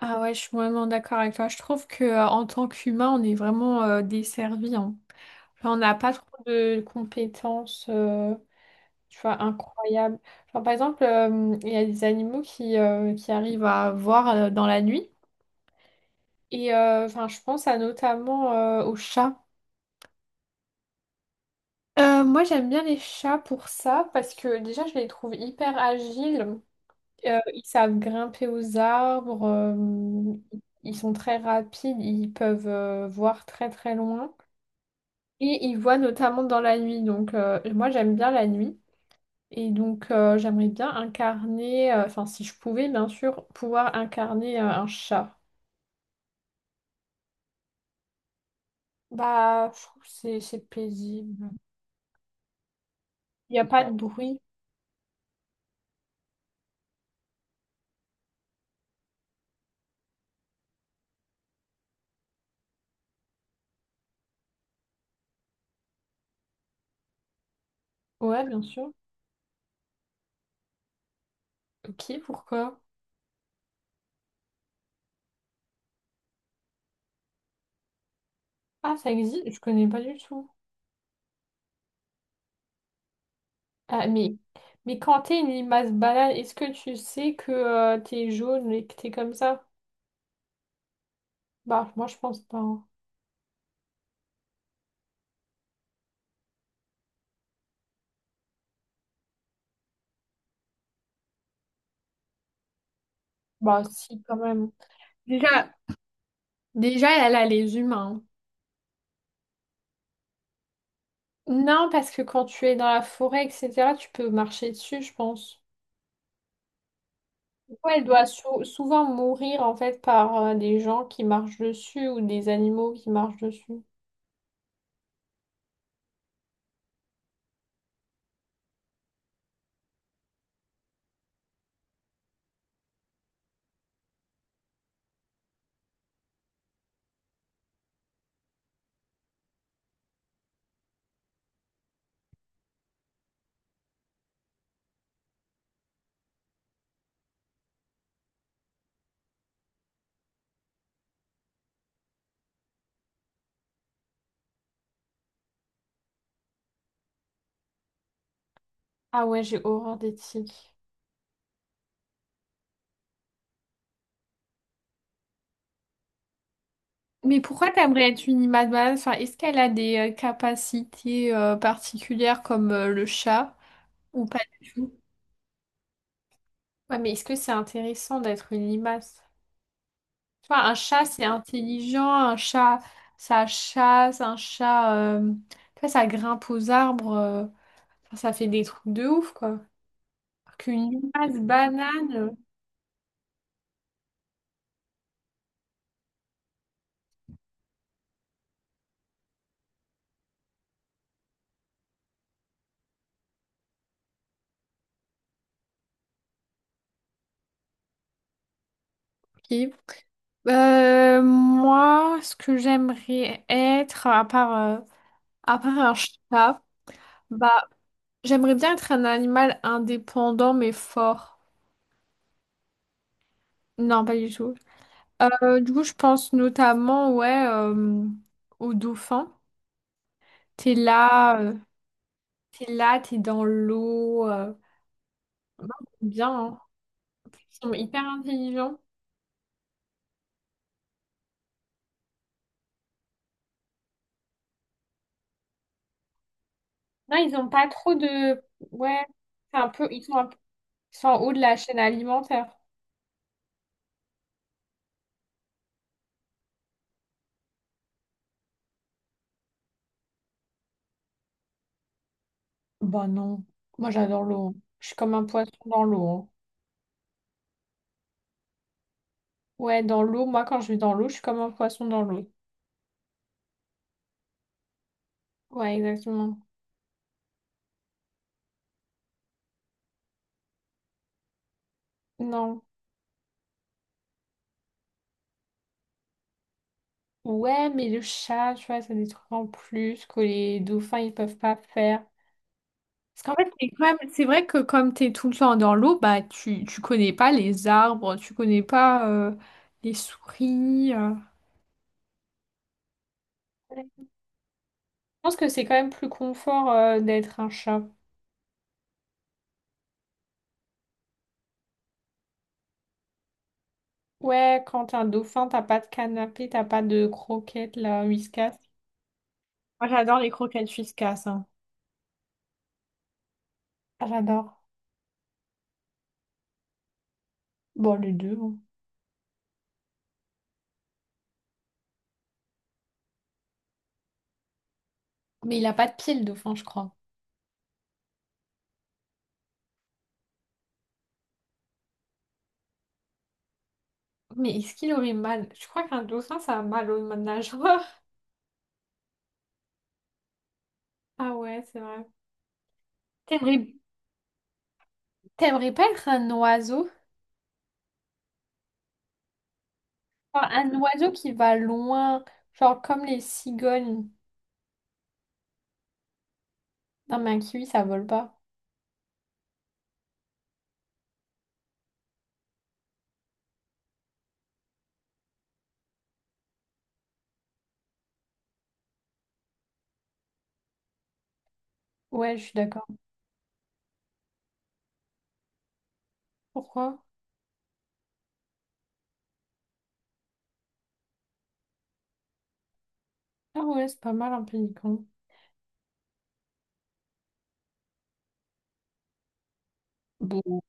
Ah ouais, je suis vraiment d'accord avec toi. Je trouve que en tant qu'humain, on est vraiment desservi, hein. Enfin, on n'a pas trop de compétences, tu vois, incroyables. Genre, par exemple, il y a des animaux qui arrivent à voir dans la nuit. Et enfin, je pense à notamment aux chats. Moi, j'aime bien les chats pour ça parce que déjà, je les trouve hyper agiles. Ils savent grimper aux arbres, ils sont très rapides. Ils peuvent voir très très loin. Et il voit notamment dans la nuit. Donc, moi, j'aime bien la nuit. Et donc, j'aimerais bien incarner, enfin, si je pouvais, bien sûr, pouvoir incarner un chat. Bah, je trouve que c'est paisible. Il n'y a pas de bruit. Ouais, bien sûr. Ok, pourquoi? Ah, ça existe? Je connais pas du tout. Ah, mais quand t'es une limace banale, est-ce que tu sais que t'es jaune et que t'es comme ça? Bah, moi, je pense pas, hein. Bah, si, quand même. Déjà, déjà, elle a les humains. Non, parce que quand tu es dans la forêt, etc., tu peux marcher dessus, je pense. Ouais, elle doit souvent mourir en fait par des gens qui marchent dessus ou des animaux qui marchent dessus. Ah ouais, j'ai horreur des tiques. Mais pourquoi t'aimerais être une image? Enfin, est-ce qu'elle a des capacités particulières comme le chat ou pas du tout? Ouais, mais est-ce que c'est intéressant d'être une limace? Tu vois, un chat, c'est intelligent, un chat, ça chasse, un chat, tu vois, ça grimpe aux arbres. Enfin, ça fait des trucs de ouf, quoi. Alors qu'une limace banane. Ok. Moi, ce que j'aimerais être, à part un chat, bah, j'aimerais bien être un animal indépendant mais fort. Non, pas du tout. Du coup, je pense notamment, ouais, au dauphin. T'es là, t'es là, t'es dans l'eau. Moi, j'aime bien, hein. Ils sont hyper intelligents. Non, ils ont pas trop de... Ouais, c'est un peu... ils sont un peu... Ils sont en haut de la chaîne alimentaire. Bah non, moi j'adore l'eau, hein. Je suis comme un poisson dans l'eau, hein. Ouais, dans l'eau, moi quand je vais dans l'eau, je suis comme un poisson dans l'eau. Ouais, exactement. Non. Ouais, mais le chat, tu vois, ça des trucs en plus que les dauphins, ils peuvent pas faire. Parce qu'en fait, c'est quand même- c'est vrai que comme t'es tout le temps dans l'eau, bah tu connais pas les arbres, tu connais pas les souris. Je pense que c'est quand même plus confort d'être un chat. Ouais, quand t'es un dauphin, t'as pas de canapé, t'as pas de croquettes, là, Whiskas. Moi, j'adore les croquettes Whiskas, hein. Ah, j'adore. Bon, les deux, hein. Mais il a pas de pied, le dauphin, je crois. Mais est-ce qu'il aurait mal? Je crois qu'un dauphin, ça a mal au nageoire. Ah ouais, c'est vrai. T'aimerais t'aimerais pas être un oiseau? Genre, un oiseau qui va loin, genre comme les cigognes. Non, mais un kiwi, ça vole pas. Ouais, je suis d'accord. Pourquoi? Ah ouais, c'est pas mal un pélican. Bon,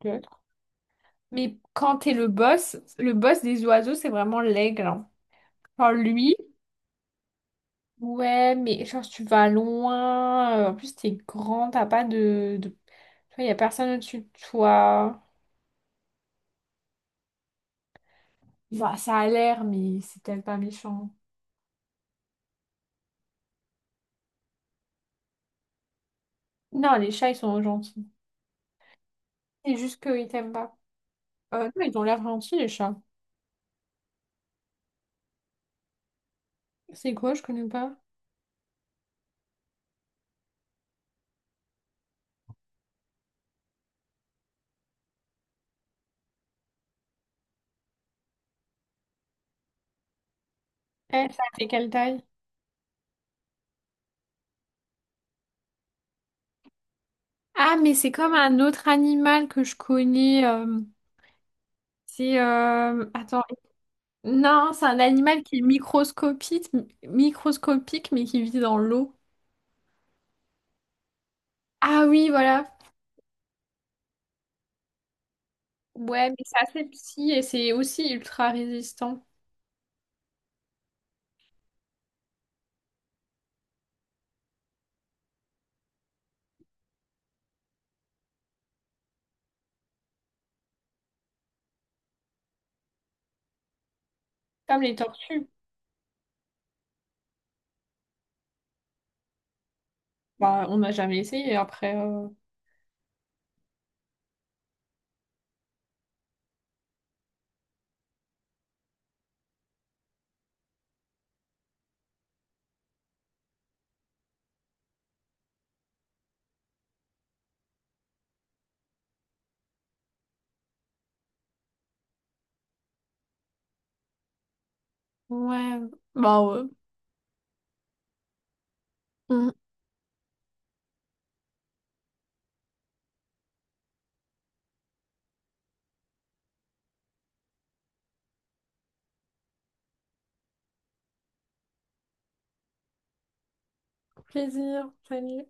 ok. Mais quand t'es le boss des oiseaux, c'est vraiment l'aigle, hein. Genre lui, ouais, mais genre tu vas loin, en plus, t'es grand, t'as pas de, de... Tu vois, y a personne au-dessus de toi. Bah, ça a l'air, mais c'est peut-être pas méchant. Non, les chats, ils sont gentils. C'est juste qu'ils t'aiment pas. Non, ils ont l'air gentils, les chats. C'est quoi? Je connais pas. Eh, ça fait quelle taille? Ah, mais c'est comme un autre animal que je connais. C'est... attends. Non, c'est un animal qui est microscopique, microscopique, mais qui vit dans l'eau. Ah oui, voilà. Ouais, mais c'est assez petit et c'est aussi ultra résistant. Comme les tortues. Bah, on n'a jamais essayé après. Ouais, bah ouais. Mm. Plaisir, salut.